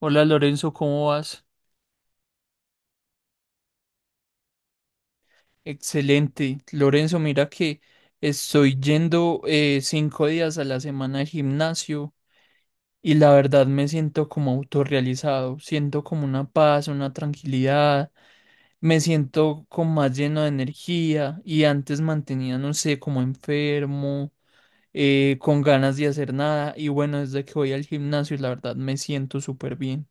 Hola Lorenzo, ¿cómo vas? Excelente. Lorenzo, mira que estoy yendo 5 días a la semana al gimnasio y la verdad me siento como autorrealizado, siento como una paz, una tranquilidad, me siento como más lleno de energía y antes mantenía, no sé, como enfermo, con ganas de hacer nada y bueno, desde que voy al gimnasio la verdad me siento súper bien.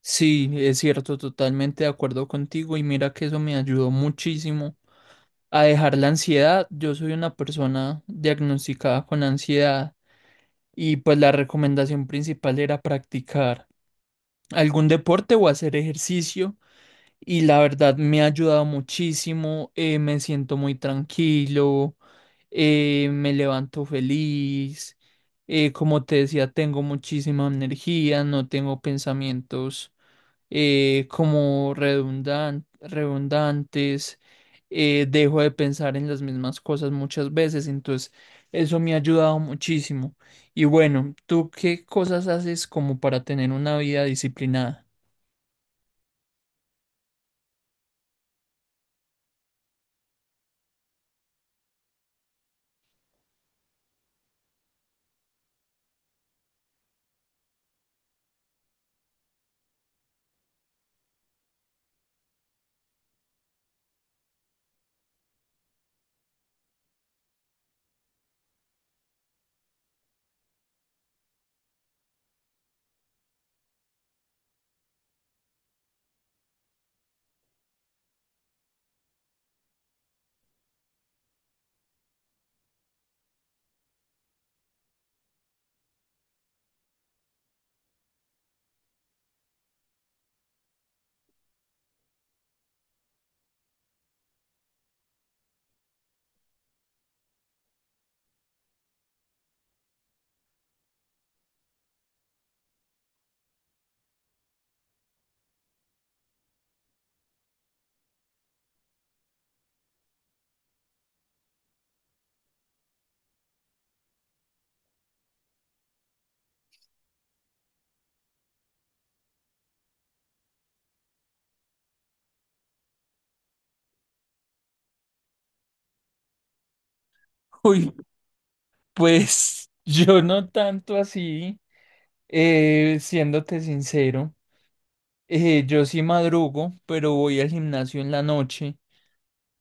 Sí, es cierto, totalmente de acuerdo contigo y mira que eso me ayudó muchísimo a dejar la ansiedad. Yo soy una persona diagnosticada con ansiedad y pues la recomendación principal era practicar algún deporte o hacer ejercicio y la verdad me ha ayudado muchísimo, me siento muy tranquilo, me levanto feliz, como te decía, tengo muchísima energía, no tengo pensamientos como redundantes, dejo de pensar en las mismas cosas muchas veces, entonces eso me ha ayudado muchísimo. Y bueno, ¿tú qué cosas haces como para tener una vida disciplinada? Uy, pues yo no tanto así, siéndote sincero, yo sí madrugo, pero voy al gimnasio en la noche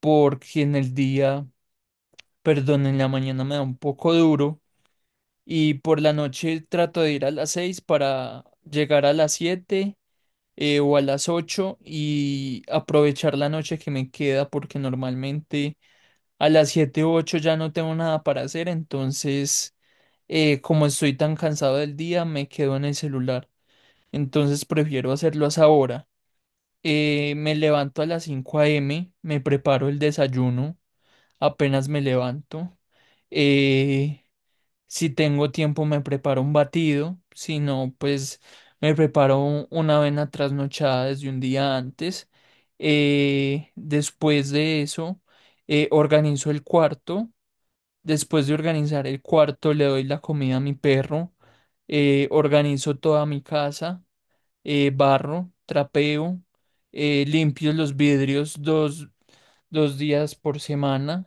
porque en el día, perdón, en la mañana me da un poco duro. Y por la noche trato de ir a las 6 para llegar a las 7 o a las 8 y aprovechar la noche que me queda porque normalmente a las 7 u 8 ya no tengo nada para hacer, entonces como estoy tan cansado del día me quedo en el celular, entonces prefiero hacerlo a esa hora. Me levanto a las 5 a.m., me preparo el desayuno, apenas me levanto. Eh, si tengo tiempo me preparo un batido, si no, pues me preparo una avena trasnochada desde un día antes. Después de eso, organizo el cuarto. Después de organizar el cuarto, le doy la comida a mi perro. Organizo toda mi casa, barro, trapeo, limpio los vidrios dos días por semana,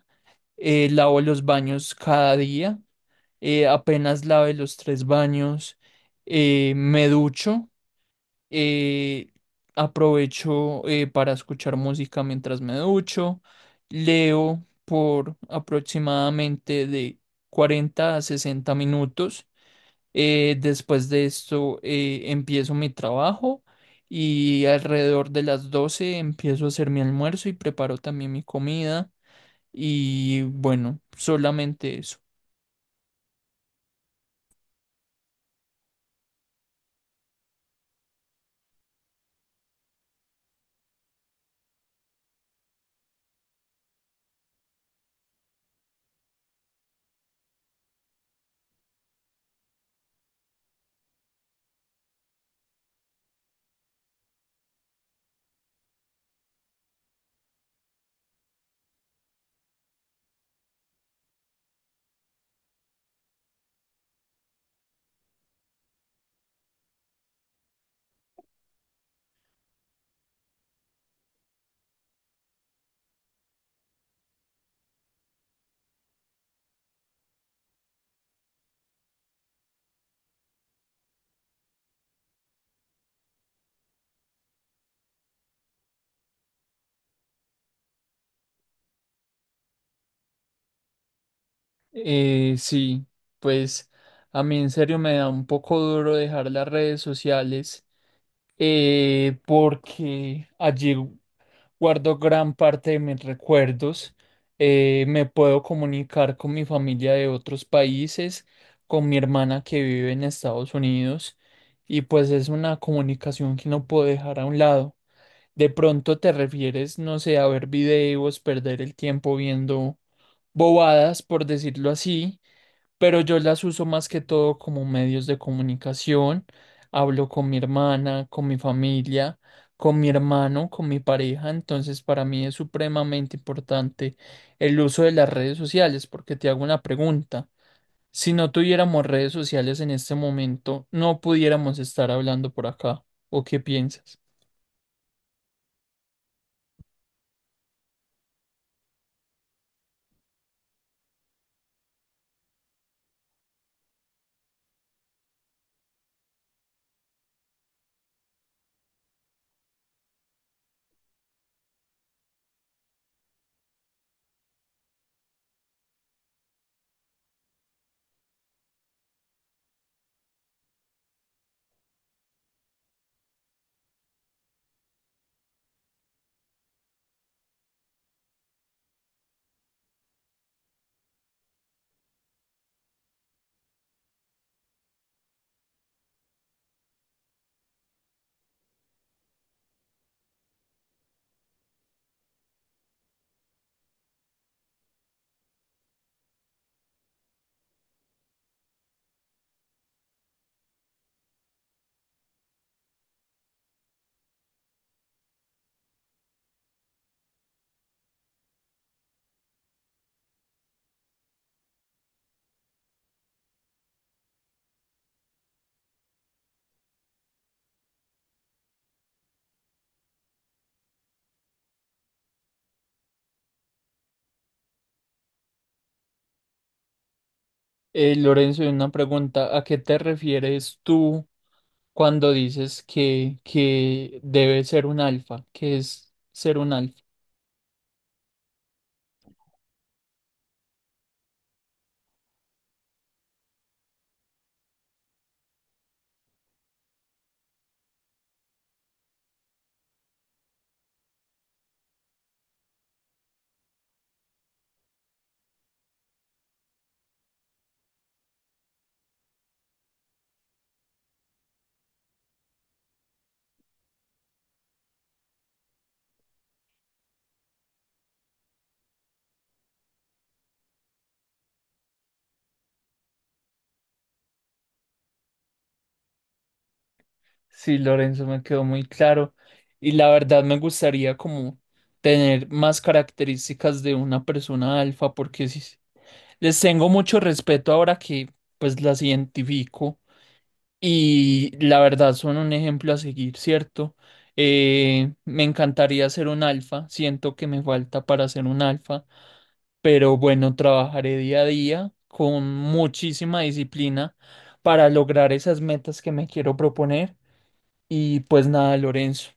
lavo los baños cada día, apenas lave los 3 baños, me ducho, eh, aprovecho para escuchar música mientras me ducho, leo por aproximadamente de 40 a 60 minutos. Después de esto empiezo mi trabajo y alrededor de las 12 empiezo a hacer mi almuerzo y preparo también mi comida y bueno, solamente eso. Sí, pues a mí en serio me da un poco duro dejar las redes sociales, porque allí guardo gran parte de mis recuerdos. Me puedo comunicar con mi familia de otros países, con mi hermana que vive en Estados Unidos y pues es una comunicación que no puedo dejar a un lado. De pronto te refieres, no sé, a ver videos, perder el tiempo viendo bobadas, por decirlo así, pero yo las uso más que todo como medios de comunicación. Hablo con mi hermana, con mi familia, con mi hermano, con mi pareja. Entonces, para mí es supremamente importante el uso de las redes sociales, porque te hago una pregunta. Si no tuviéramos redes sociales en este momento, no pudiéramos estar hablando por acá. ¿O qué piensas? Lorenzo, una pregunta. ¿A qué te refieres tú cuando dices que debe ser un alfa? ¿Qué es ser un alfa? Sí, Lorenzo, me quedó muy claro. Y la verdad me gustaría como tener más características de una persona alfa, porque sí, les tengo mucho respeto ahora que pues las identifico y la verdad son un ejemplo a seguir, ¿cierto? Me encantaría ser un alfa, siento que me falta para ser un alfa, pero bueno, trabajaré día a día con muchísima disciplina para lograr esas metas que me quiero proponer. Y pues nada, Lorenzo,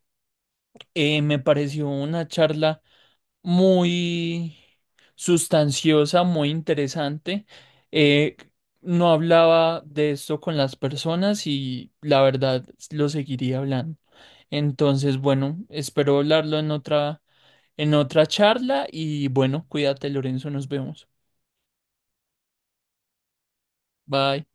me pareció una charla muy sustanciosa, muy interesante. Eh, no hablaba de esto con las personas y la verdad lo seguiría hablando. Entonces, bueno, espero hablarlo en otra charla y bueno, cuídate, Lorenzo, nos vemos. Bye.